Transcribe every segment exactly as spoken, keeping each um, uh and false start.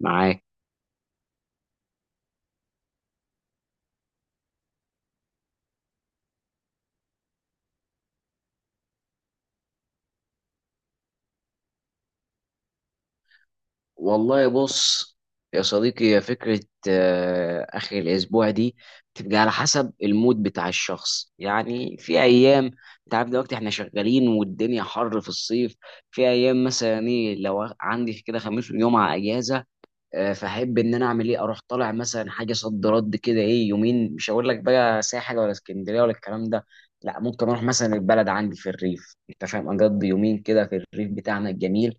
معاك. والله بص يا صديقي، هي فكرة آه، آخر الأسبوع دي بتبقى على حسب المود بتاع الشخص. يعني في أيام، أنت عارف دلوقتي إحنا شغالين والدنيا حر في الصيف. في أيام مثلا إيه، لو عندي كده خميس وجمعة أجازة، آه، فأحب إن أنا أعمل إيه، أروح طالع مثلا حاجة صد رد كده، إيه، يومين. مش هقول لك بقى ساحل ولا اسكندرية ولا الكلام ده، لا، ممكن أروح مثلا البلد عندي في الريف، أنت فاهم، أقضي يومين كده في الريف بتاعنا الجميل.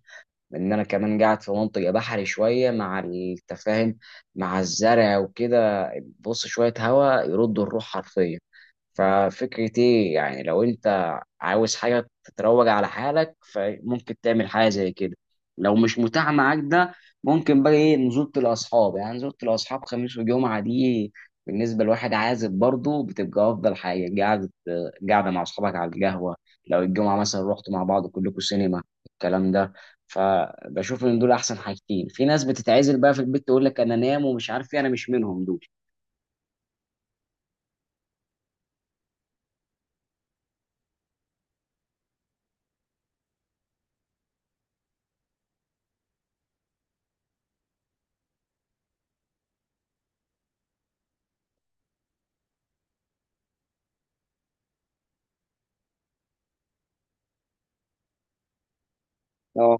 لان انا كمان قاعد في منطقه بحري شويه، مع التفاهم مع الزرع وكده. بص، شويه هواء يردوا الروح حرفيا. ففكرة ايه، يعني لو انت عاوز حاجة تتروج على حالك، فممكن تعمل حاجة زي كده. لو مش متاح معاك ده، ممكن بقى ايه، نزولة الأصحاب. يعني نزولة الأصحاب خميس وجمعة دي، بالنسبة لواحد عازب برضه بتبقى أفضل حاجة. قعدة قاعدة مع أصحابك على القهوة، لو الجمعة مثلا رحتوا مع بعض كلكم سينما، الكلام ده. فبشوف ان دول احسن حاجتين. في ناس بتتعزل بقى في البيت تقول لك انا نام ومش عارف ايه، انا مش منهم دول. اه.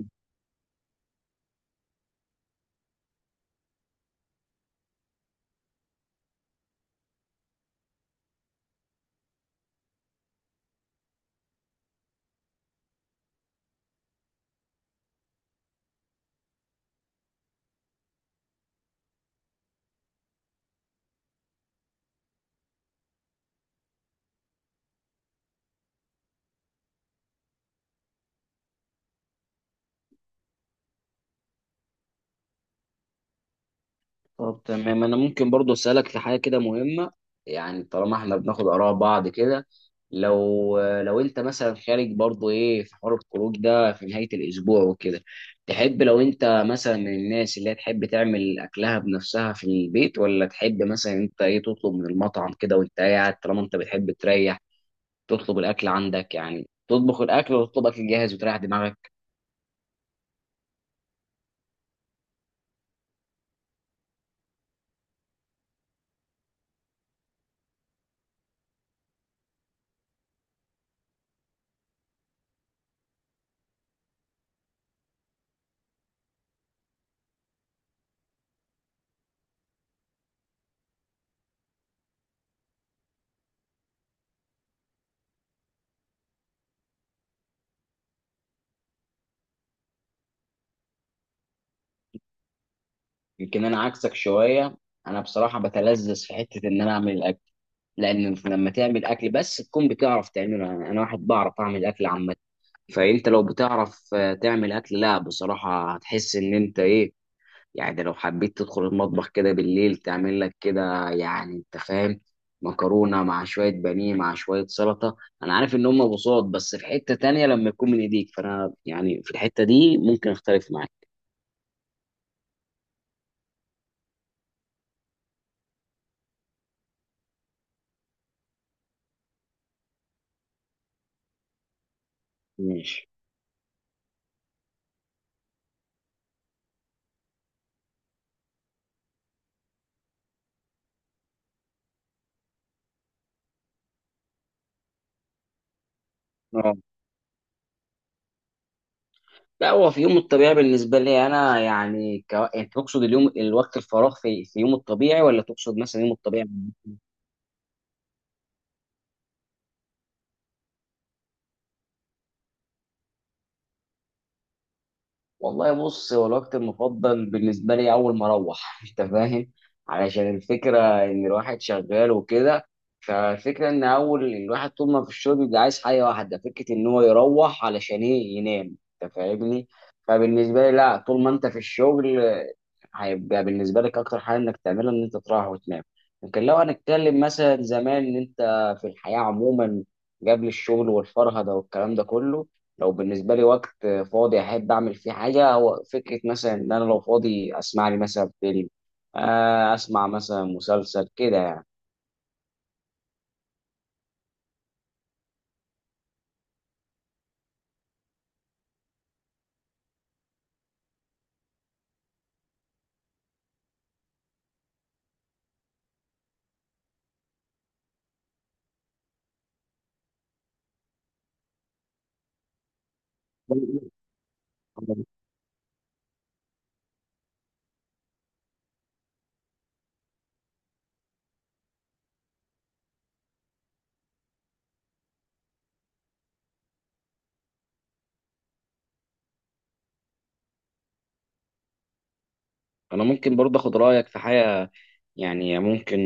طب تمام، انا ممكن برضو اسالك في حاجه كده مهمه، يعني طالما احنا بناخد اراء بعض كده. لو لو انت مثلا خارج برضو ايه في حوار الخروج ده في نهايه الاسبوع وكده، تحب لو انت مثلا من الناس اللي هي تحب تعمل اكلها بنفسها في البيت، ولا تحب مثلا انت ايه تطلب من المطعم كده وانت قاعد؟ طالما انت بتحب تريح، تطلب الاكل عندك. يعني تطبخ الاكل، وتطلب اكل جاهز وتريح دماغك. يمكن انا عكسك شويه. انا بصراحه بتلذذ في حته ان انا اعمل الاكل. لان لما تعمل اكل بس تكون بتعرف تعمله، يعني انا واحد بعرف اعمل اكل عامه. فانت لو بتعرف آه، تعمل اكل، لا بصراحه هتحس ان انت ايه، يعني ده لو حبيت تدخل المطبخ كده بالليل، تعمل لك كده، يعني انت فاهم، مكرونه مع شويه بانيه مع شويه سلطه. انا عارف ان هم بساط، بس في حته تانية لما يكون من ايديك، فانا يعني في الحته دي ممكن اختلف معاك. ماشي. اه، لا، هو في يوم الطبيعي بالنسبه لي انا يعني ك... يعني تقصد اليوم الوقت الفراغ في... في يوم الطبيعي، ولا تقصد مثلا يوم الطبيعي؟ والله بص، هو الوقت المفضل بالنسبة لي أول ما أروح، أنت فاهم، علشان الفكرة إن الواحد شغال وكده. فالفكرة إن أول الواحد طول ما في الشغل بيبقى عايز حاجة واحدة، فكرة إن هو يروح علشان إيه، ينام، أنت فاهمني. فبالنسبة لي، لا، طول ما أنت في الشغل، آه، هيبقى بالنسبة لك أكتر حاجة إنك تعملها، إن أنت تروح وتنام. لكن لو هنتكلم مثلا زمان، إن أنت في الحياة عموما، قبل الشغل والفرهدة والكلام ده كله، لو بالنسبه لي وقت فاضي احب اعمل فيه حاجه، هو فكره مثلا ان انا لو فاضي اسمع لي مثلا فيلم، آه، اسمع مثلا مسلسل كده يعني. انا ممكن برضه اخد رايك في حاجه، يعني ممكن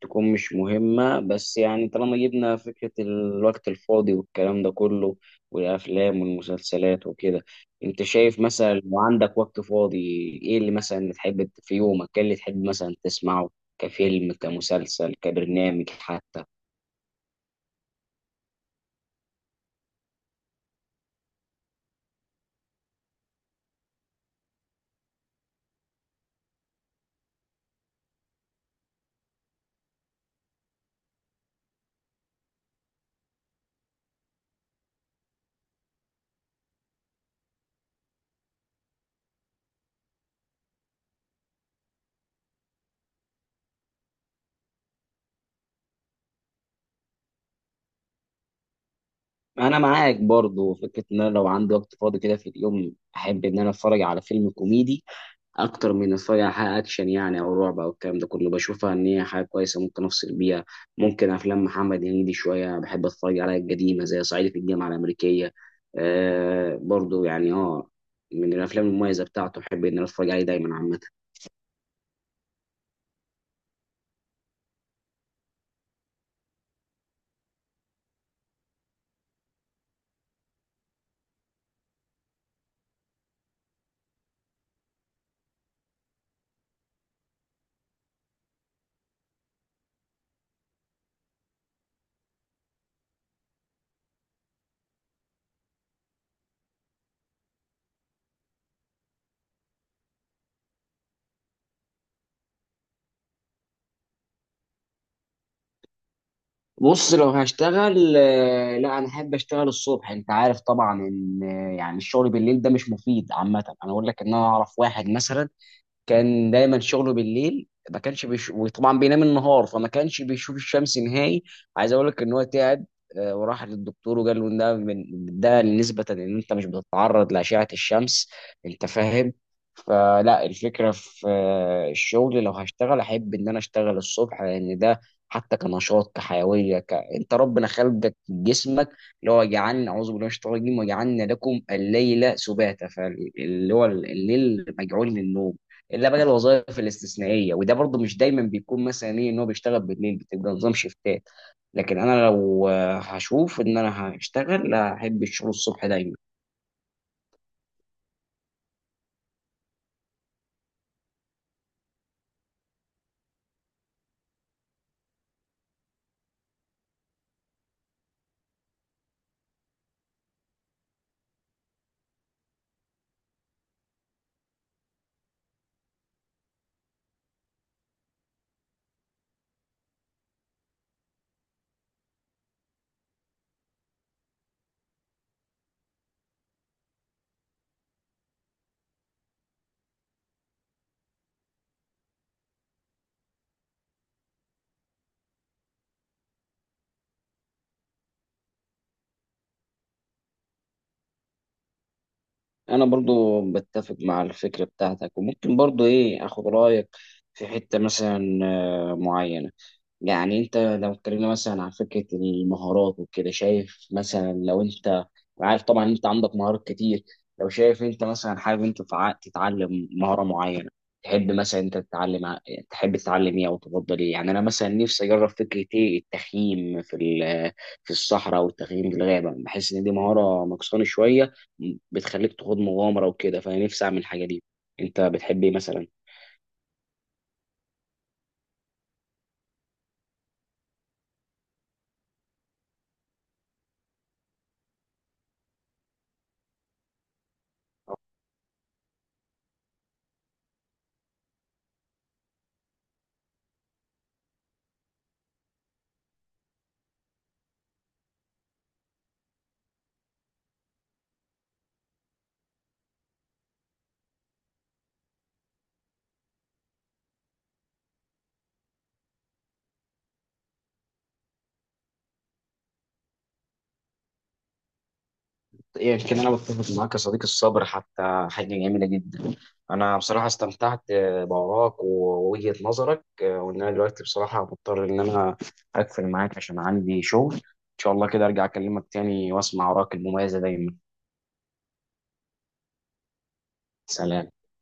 تكون مش مهمه، بس يعني طالما جبنا فكره الوقت الفاضي والكلام ده كله، والافلام والمسلسلات وكده، انت شايف مثلا لو عندك وقت فاضي، ايه اللي مثلا تحب في يومك، ايه اللي تحب مثلا تسمعه، كفيلم كمسلسل كبرنامج حتى؟ انا معاك برضه فكره ان انا لو عندي وقت فاضي كده في اليوم، احب ان انا اتفرج على فيلم كوميدي اكتر من اتفرج على حلقه اكشن يعني، او رعب او الكلام ده كله. بشوفها ان هي حاجه كويسه ممكن افصل بيها. ممكن افلام محمد هنيدي شويه بحب اتفرج عليها، القديمه زي صعيدي في الجامعه الامريكيه. آه برضو يعني اه، من الافلام المميزه بتاعته، احب ان انا اتفرج عليه دايما عامه. بص، لو هشتغل آه، لا انا احب اشتغل الصبح. انت عارف طبعا ان آه، يعني الشغل بالليل ده مش مفيد عامه. انا اقول لك ان انا اعرف واحد مثلا كان دايما شغله بالليل، ما كانش بيش... وطبعا بينام النهار، فما كانش بيشوف الشمس نهائي. عايز اقول لك ان هو تعب، آه، وراح للدكتور، وقال له إن ده من، ده نسبة ان انت مش بتتعرض لأشعة الشمس، انت فاهم. فلا، الفكرة في آه، الشغل، لو هشتغل احب ان انا اشتغل الصبح. لان ده حتى كنشاط كحيوية ك... انت ربنا خلقك جسمك اللي هو، جعلنا، اعوذ بالله من الشيطان الرجيم، وجعلنا لكم الليل سباتا، فاللي هو الليل مجعول للنوم، الا بقى الوظائف الاستثنائيه. وده برضه مش دايما بيكون مثلا ايه، ان هو بيشتغل بالليل بتبقى نظام شيفتات. لكن انا لو آه، هشوف ان انا هشتغل، لا احب الشغل الصبح دايما. انا برضو بتفق مع الفكره بتاعتك، وممكن برضو ايه اخد رايك في حته مثلا آه، معينه. يعني انت لو اتكلمنا مثلا عن فكره المهارات وكده، شايف مثلا لو انت، عارف طبعا انت عندك مهارات كتير، لو شايف انت مثلا حابب انت تع- تتعلم مهاره معينه، تحب مثلا انت تتعلم ع- تحب تتعلم ايه او تفضل ايه؟ يعني انا مثلا نفسي اجرب فكره ايه التخييم في ال- في الصحراء، او التخييم في الغابه. بحس ان دي مهاره نقصاني شويه، بتخليك تخوض مغامره وكده، فانا نفسي اعمل الحاجه دي. انت بتحب ايه مثلا؟ يمكن انا بتفق معاك يا صديقي، الصبر حتى حاجه جميله جدا. انا بصراحه استمتعت بوراك ووجهه نظرك، وان انا دلوقتي بصراحه مضطر ان انا اقفل معاك عشان عندي شغل. ان شاء الله كده ارجع اكلمك تاني واسمع وراك المميزه دايما. سلام.